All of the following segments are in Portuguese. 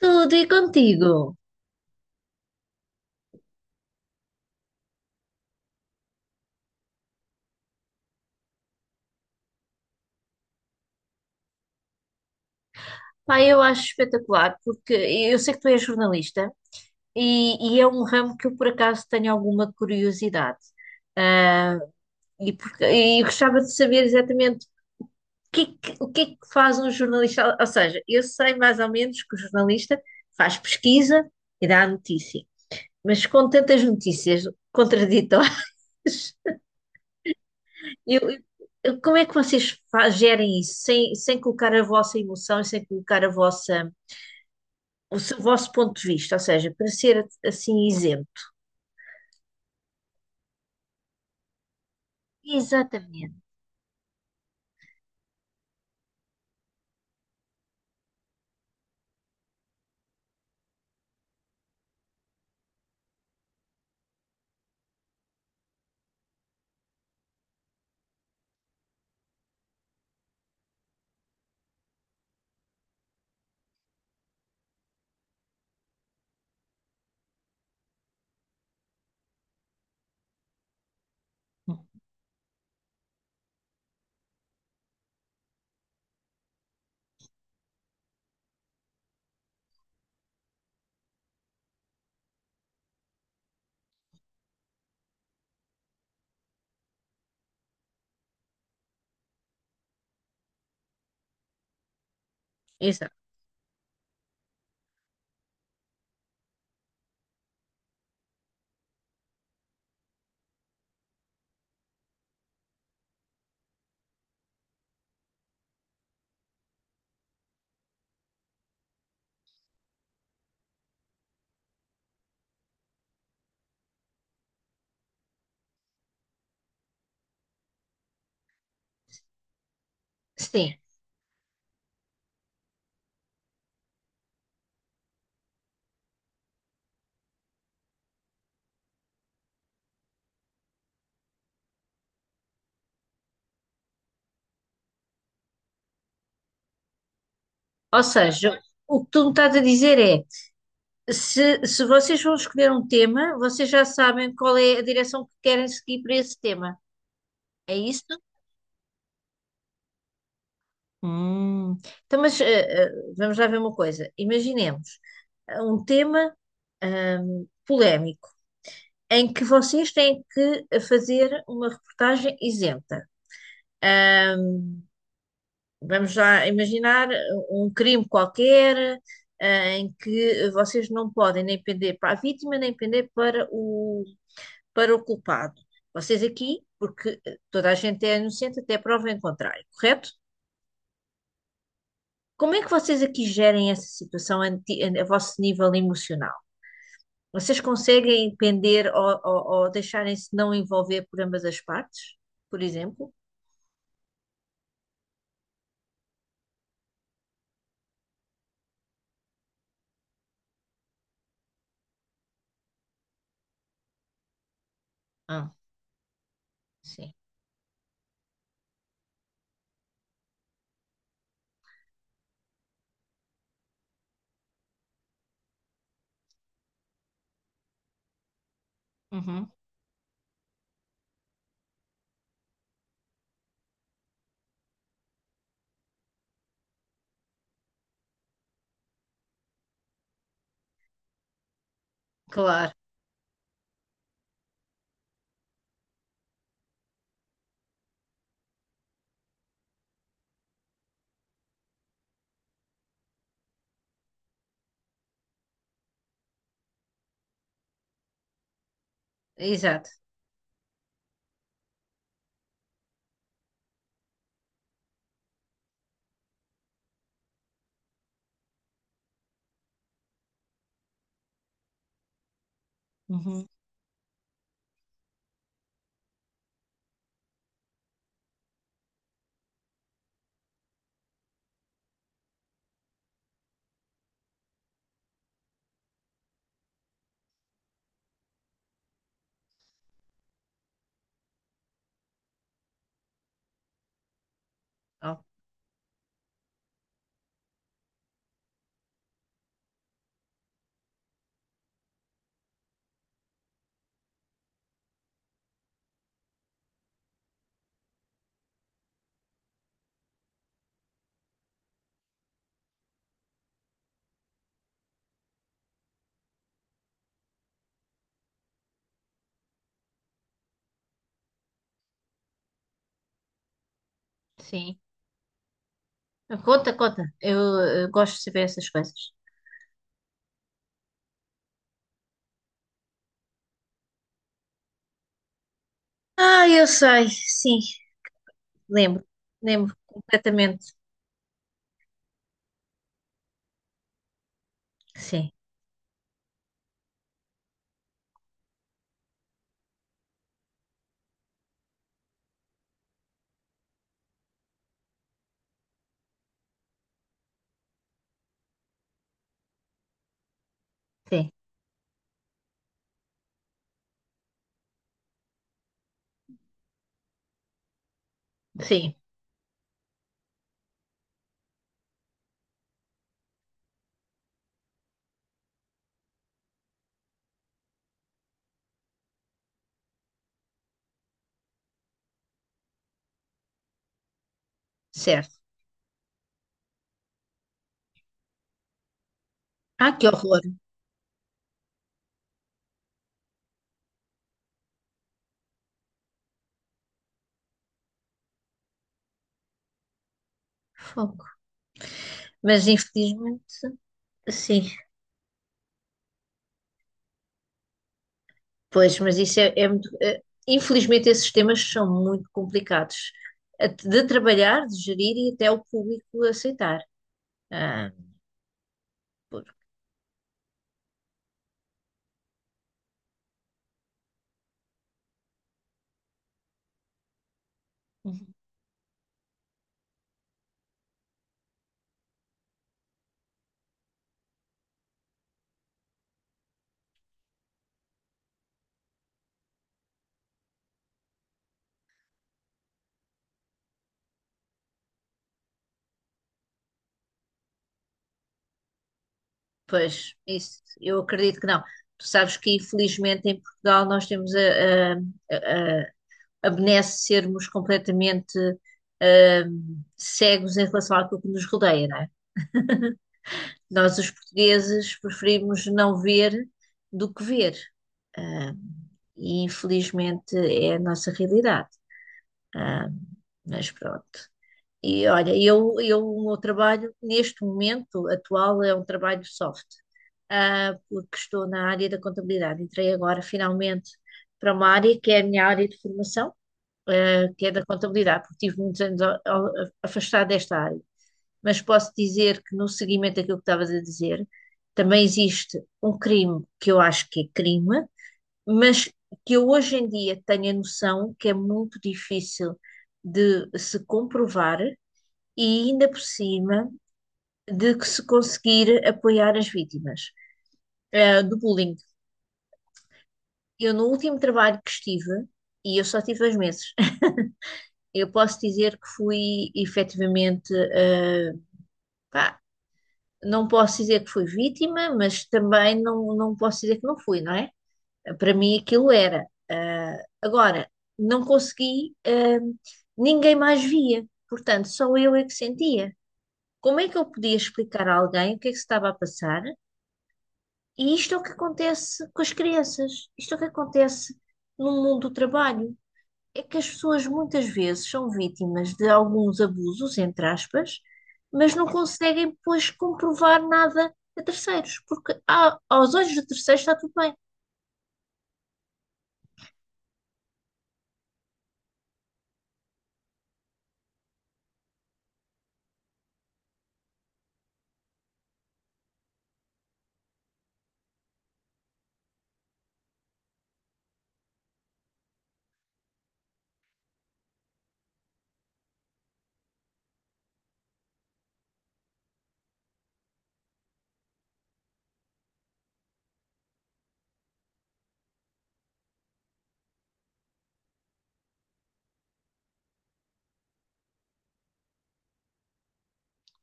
Tudo e contigo? Pá, eu acho espetacular, porque eu sei que tu és jornalista e é um ramo que eu por acaso tenho alguma curiosidade. Ah, e eu gostava de saber exatamente o que, é o que é que faz um jornalista. Ou seja, eu sei mais ou menos que o jornalista faz pesquisa e dá a notícia, mas com tantas notícias contraditórias, eu, como é que vocês gerem isso sem colocar a vossa emoção e sem colocar a vossa. O seu vosso ponto de vista, ou seja, para ser assim isento. Exatamente. Exato. Sim. Ou seja, o que tu me estás a dizer é: se vocês vão escolher um tema, vocês já sabem qual é a direção que querem seguir para esse tema. É isso? Hum. Então, mas vamos lá ver uma coisa. Imaginemos um tema polémico em que vocês têm que fazer uma reportagem isenta. Hum. Vamos já imaginar um crime qualquer, em que vocês não podem nem pender para a vítima, nem pender para para o culpado. Vocês aqui, porque toda a gente é inocente até prova em contrário, correto? Como é que vocês aqui gerem essa situação a vosso nível emocional? Vocês conseguem pender ou deixarem-se não envolver por ambas as partes, por exemplo? Ah, sim. Uhum. Claro, exato. Uhum. Oh, sim. Conta, conta. Eu gosto de saber essas coisas. Ah, eu sei, sim, lembro, lembro completamente. Sim, sim, sim, certo. Ah, que horror! Fogo. Mas infelizmente, sim. Pois, mas isso é muito. Infelizmente, esses temas são muito complicados de trabalhar, de gerir e até o público aceitar. Ah, por- Uhum. Pois, isso eu acredito que não. Tu sabes que, infelizmente, em Portugal nós temos a, a, a benesse de sermos completamente cegos em relação àquilo que nos rodeia, não é? Nós, os portugueses, preferimos não ver do que ver. Ah, e infelizmente é a nossa realidade. Ah, mas pronto. E olha, o meu trabalho neste momento atual é um trabalho soft, porque estou na área da contabilidade. Entrei agora finalmente para uma área que é a minha área de formação, que é da contabilidade, porque tive muitos anos afastada desta área. Mas posso dizer que no seguimento daquilo que estavas a dizer, também existe um crime que eu acho que é crime, mas que eu hoje em dia tenho a noção que é muito difícil de se comprovar e ainda por cima de que se conseguir apoiar as vítimas do bullying. Eu no último trabalho que estive, e eu só tive 2 meses, eu posso dizer que fui efetivamente, pá, não posso dizer que fui vítima, mas também não posso dizer que não fui, não é? Para mim aquilo era. Agora, não consegui, ninguém mais via, portanto, só eu é que sentia. Como é que eu podia explicar a alguém o que é que se estava a passar? E isto é o que acontece com as crianças, isto é o que acontece no mundo do trabalho. É que as pessoas muitas vezes são vítimas de alguns abusos, entre aspas, mas não conseguem depois comprovar nada a terceiros, porque aos olhos de terceiros está tudo bem.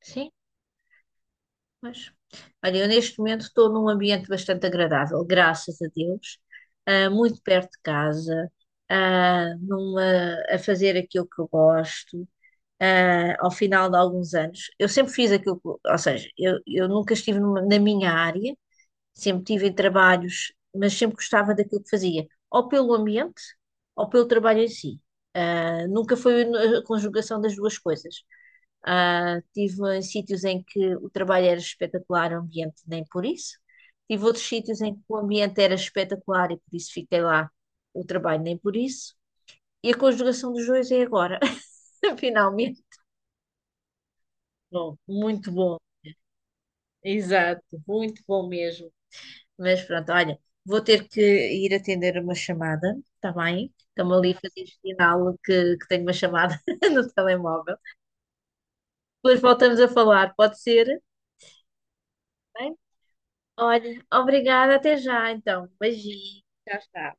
Sim. Mas, olha, eu neste momento estou num ambiente bastante agradável, graças a Deus, muito perto de casa, ah, numa, a fazer aquilo que eu gosto, ao final de alguns anos. Eu sempre fiz aquilo que, ou seja, eu nunca estive na minha área. Sempre tive em trabalhos, mas sempre gostava daquilo que fazia, ou pelo ambiente, ou pelo trabalho em si. Ah, nunca foi a conjugação das duas coisas. Ah, tive em sítios em que o trabalho era espetacular, o ambiente nem por isso. Tive outros sítios em que o ambiente era espetacular e por isso fiquei lá, o trabalho nem por isso. E a conjugação dos dois é agora, finalmente. Bom, muito bom, exato, muito bom mesmo. Mas pronto, olha, vou ter que ir atender uma chamada, está bem? Estão ali a fazer sinal que tenho uma chamada no telemóvel. Depois voltamos a falar, pode ser? Bem? Olha, obrigada, até já então. Beijinho, tchau, tchau.